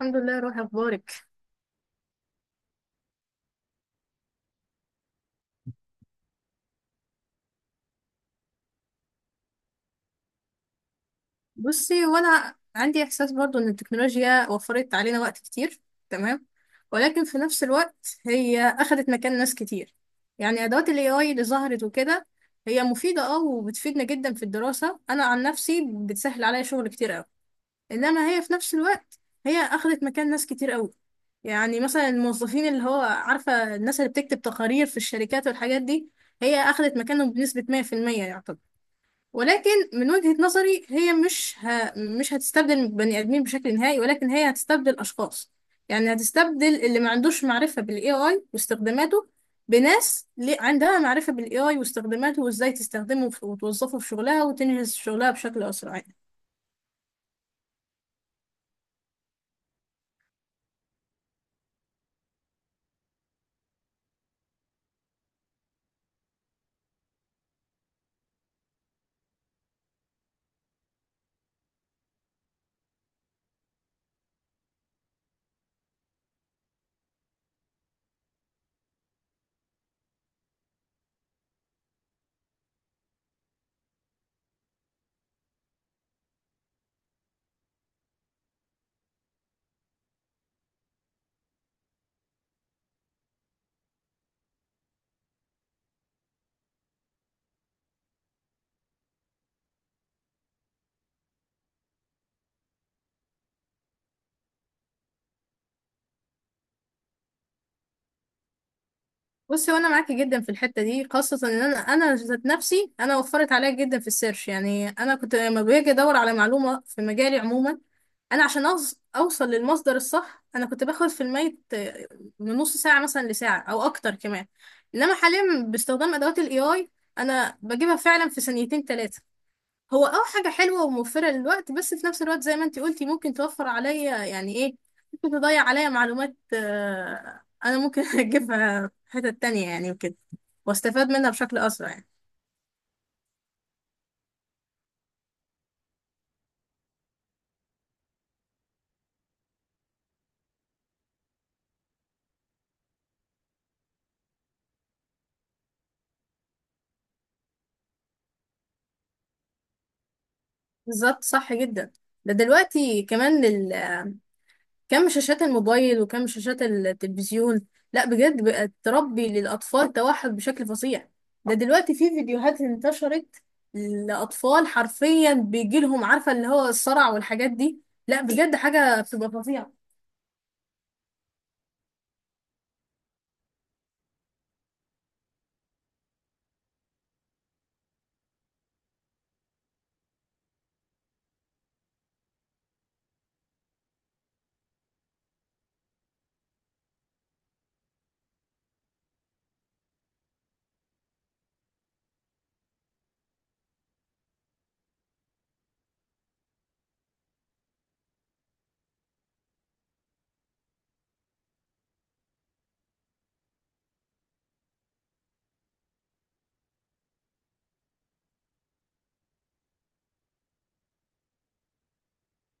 الحمد لله. روحي اخبارك؟ بصي، وانا عندي احساس برضو ان التكنولوجيا وفرت علينا وقت كتير. تمام. ولكن في نفس الوقت هي اخذت مكان ناس كتير. يعني ادوات الاي اي اللي ظهرت وكده هي مفيده، وبتفيدنا جدا في الدراسه. انا عن نفسي بتسهل عليا شغل كتير قوي. انما هي في نفس الوقت هي اخذت مكان ناس كتير قوي. يعني مثلا الموظفين، اللي هو عارفه، الناس اللي بتكتب تقارير في الشركات والحاجات دي، هي اخذت مكانهم بنسبه 100%، يعتبر. ولكن من وجهة نظري هي مش هتستبدل بني ادمين بشكل نهائي، ولكن هي هتستبدل اشخاص. يعني هتستبدل اللي ما عندوش معرفة بالاي اي واستخداماته بناس ليه عندها معرفة بالاي اي واستخداماته وازاي تستخدمه وتوظفه في شغلها وتنجز شغلها بشكل اسرع يعني. بصي، وانا معاكي جدا في الحته دي، خاصه ان انا ذات نفسي انا وفرت عليا جدا في السيرش يعني. انا كنت لما باجي ادور على معلومه في مجالي عموما، انا عشان اوصل للمصدر الصح، انا كنت باخد في الميت، من نص ساعه مثلا لساعه او اكتر كمان. انما حاليا باستخدام ادوات الاي اي انا بجيبها فعلا في ثانيتين ثلاثه. هو حاجة حلوة وموفرة للوقت، بس في نفس الوقت زي ما انتي قلتي ممكن توفر عليا يعني ايه، ممكن تضيع عليا معلومات، انا ممكن اجيبها في حتة تانية يعني وكده، واستفاد منها بشكل اسرع يعني. بالظبط صح جدا. ده دلوقتي كمان كم شاشات الموبايل وكم شاشات التلفزيون، لا بجد بقت تربي للأطفال توحد بشكل فظيع. ده دلوقتي في فيديوهات انتشرت لأطفال حرفيا بيجيلهم، عارفة، اللي هو الصرع والحاجات دي. لا بجد حاجة بتبقى فظيعة.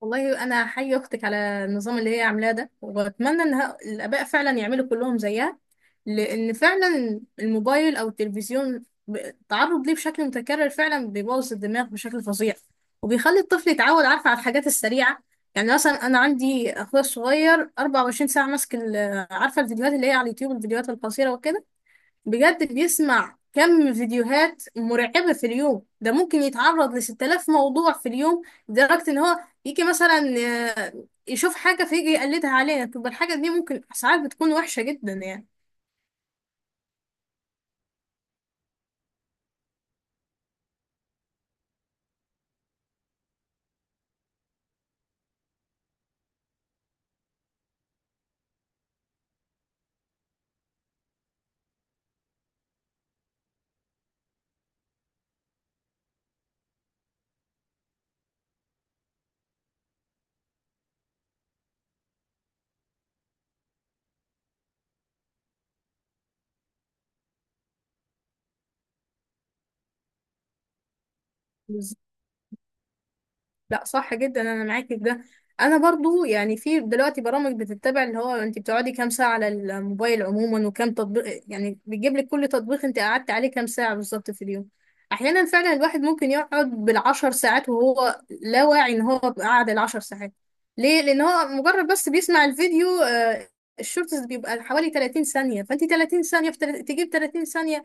والله أنا حي أختك على النظام اللي هي عاملاه ده، وأتمنى إن الآباء فعلا يعملوا كلهم زيها. لأن فعلا الموبايل أو التلفزيون، التعرض ليه بشكل متكرر فعلا بيبوظ الدماغ بشكل فظيع، وبيخلي الطفل يتعود، عارفة، على الحاجات السريعة. يعني مثلا أنا عندي أخويا الصغير 24 ساعة ماسك عارفة الفيديوهات اللي هي على اليوتيوب، الفيديوهات القصيرة وكده. بجد بيسمع كم فيديوهات مرعبة في اليوم. ده ممكن يتعرض ل 6000 موضوع في اليوم، لدرجة إن هو يجي مثلا، آه، يشوف حاجة فيجي يقلدها علينا، تبقى الحاجة دي ممكن ساعات بتكون وحشة جدا يعني. لا صح جدا، انا معاكي في ده. انا برضو يعني في دلوقتي برامج بتتبع اللي هو انت بتقعدي كام ساعه على الموبايل عموما، وكام تطبيق، يعني بتجيب لك كل تطبيق انت قعدت عليه كام ساعه بالظبط في اليوم. احيانا فعلا الواحد ممكن يقعد بالعشر ساعات وهو لا واعي ان هو قعد العشر ساعات. ليه؟ لان هو مجرد بس بيسمع الفيديو، الشورتس بيبقى حوالي 30 ثانيه، فانت 30 ثانيه في تجيب 30 ثانيه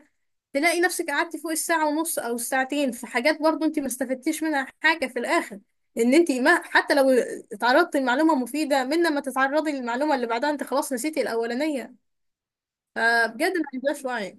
تلاقي نفسك قعدتي فوق الساعة ونص أو الساعتين في حاجات برضو أنت ما استفدتيش منها حاجة في الآخر. إن أنت ما، حتى لو اتعرضتي لمعلومة مفيدة، من لما تتعرضي للمعلومة اللي بعدها أنت خلاص نسيتي الأولانية. فبجد ما عندهاش وعي.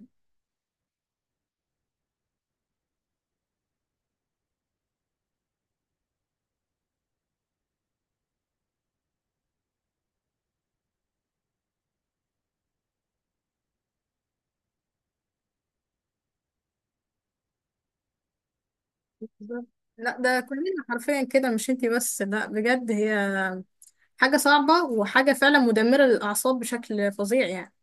بالظبط. لا ده كلنا حرفيا كده، مش أنت بس. لا بجد هي حاجة صعبة وحاجة فعلا مدمرة للأعصاب بشكل فظيع يعني.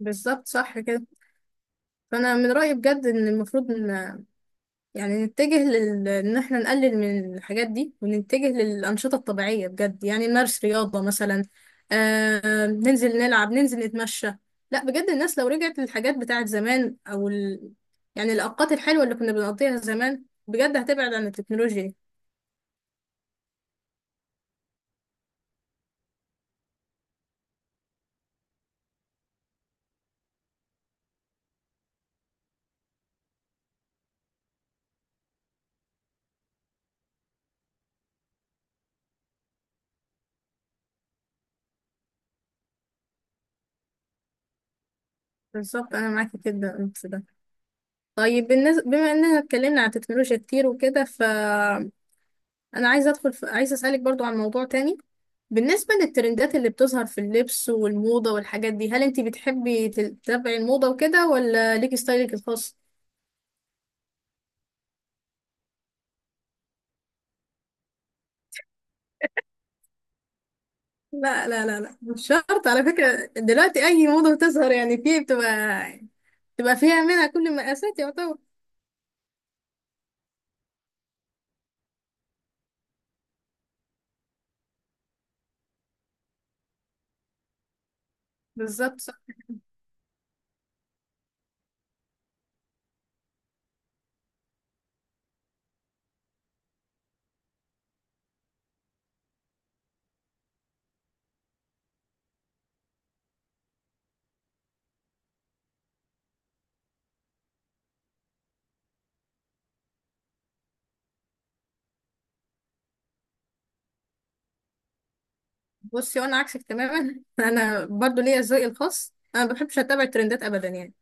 بالظبط صح كده. فأنا من رأيي بجد إن المفروض إن يعني نتجه ان احنا نقلل من الحاجات دي ونتجه للأنشطة الطبيعية بجد. يعني نمارس رياضة مثلا، ننزل نلعب، ننزل نتمشى. لا بجد الناس لو رجعت للحاجات بتاعت زمان يعني الأوقات الحلوة اللي كنا بنقضيها زمان بجد هتبعد عن التكنولوجيا دي. بالظبط انا معاكي كده في ده. طيب، بالنسبة بما اننا اتكلمنا عن التكنولوجيا كتير وكده، ف انا عايزه ادخل في... عايزه اسالك برضو عن موضوع تاني. بالنسبه للترندات اللي بتظهر في اللبس والموضه والحاجات دي، هل انت بتحبي تتابعي الموضه وكده، ولا ليكي ستايلك الخاص؟ لا لا لا لا، مش شرط. على فكره دلوقتي اي موضه بتظهر، يعني في بتبقى فيها منها كل المقاسات، يعتبر. بالظبط صح. بصي، وانا عكسك تماما انا برضو ليا ذوقي الخاص، انا ما بحبش اتابع الترندات ابدا يعني.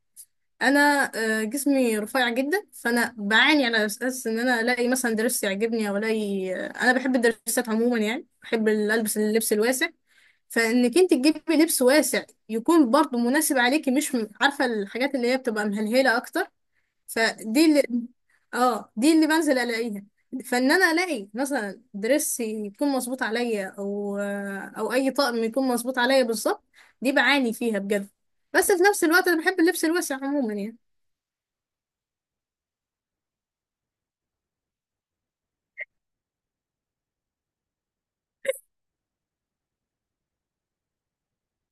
انا، جسمي رفيع جدا، فانا بعاني على اساس ان انا الاقي مثلا درس يعجبني، او الاقي، انا بحب الدرسات عموما، يعني بحب اللبس الواسع، فانك انت تجيبي لبس واسع يكون برضه مناسب عليكي، مش عارفه الحاجات اللي هي بتبقى مهلهله اكتر، فدي اللي اه دي اللي بنزل الاقيها. فان انا الاقي مثلا درس يكون مظبوط عليا، او اي طقم يكون مظبوط عليا بالظبط، دي بعاني فيها بجد. بس في نفس الوقت انا بحب اللبس الواسع عموما يعني.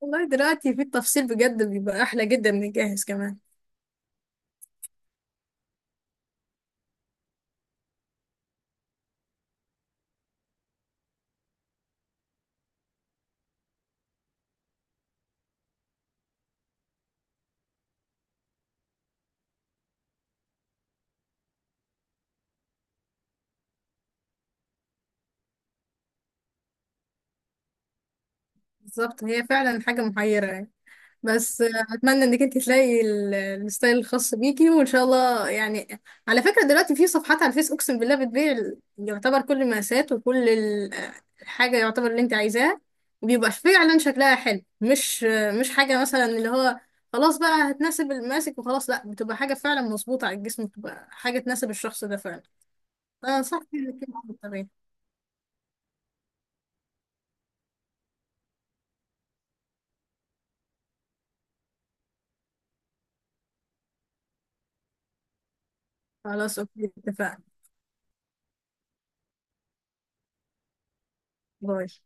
والله دلوقتي في التفصيل بجد بيبقى احلى جدا من الجاهز كمان. بالظبط، هي فعلا حاجه محيره يعني. بس، اتمنى انك انت تلاقي الستايل الخاص بيكي، وان شاء الله يعني. على فكره دلوقتي في صفحات على الفيس اقسم بالله بتبيع يعتبر كل المقاسات، وكل الحاجه يعتبر اللي انت عايزاها، وبيبقى فعلا شكلها حلو، مش مش حاجه مثلا اللي هو خلاص بقى هتناسب الماسك وخلاص، لا بتبقى حاجه فعلا مظبوطه على الجسم، بتبقى حاجه تناسب الشخص ده فعلا. انا انصحك انك انت تتابعي. خلاص اوكي، اتفقنا. باي.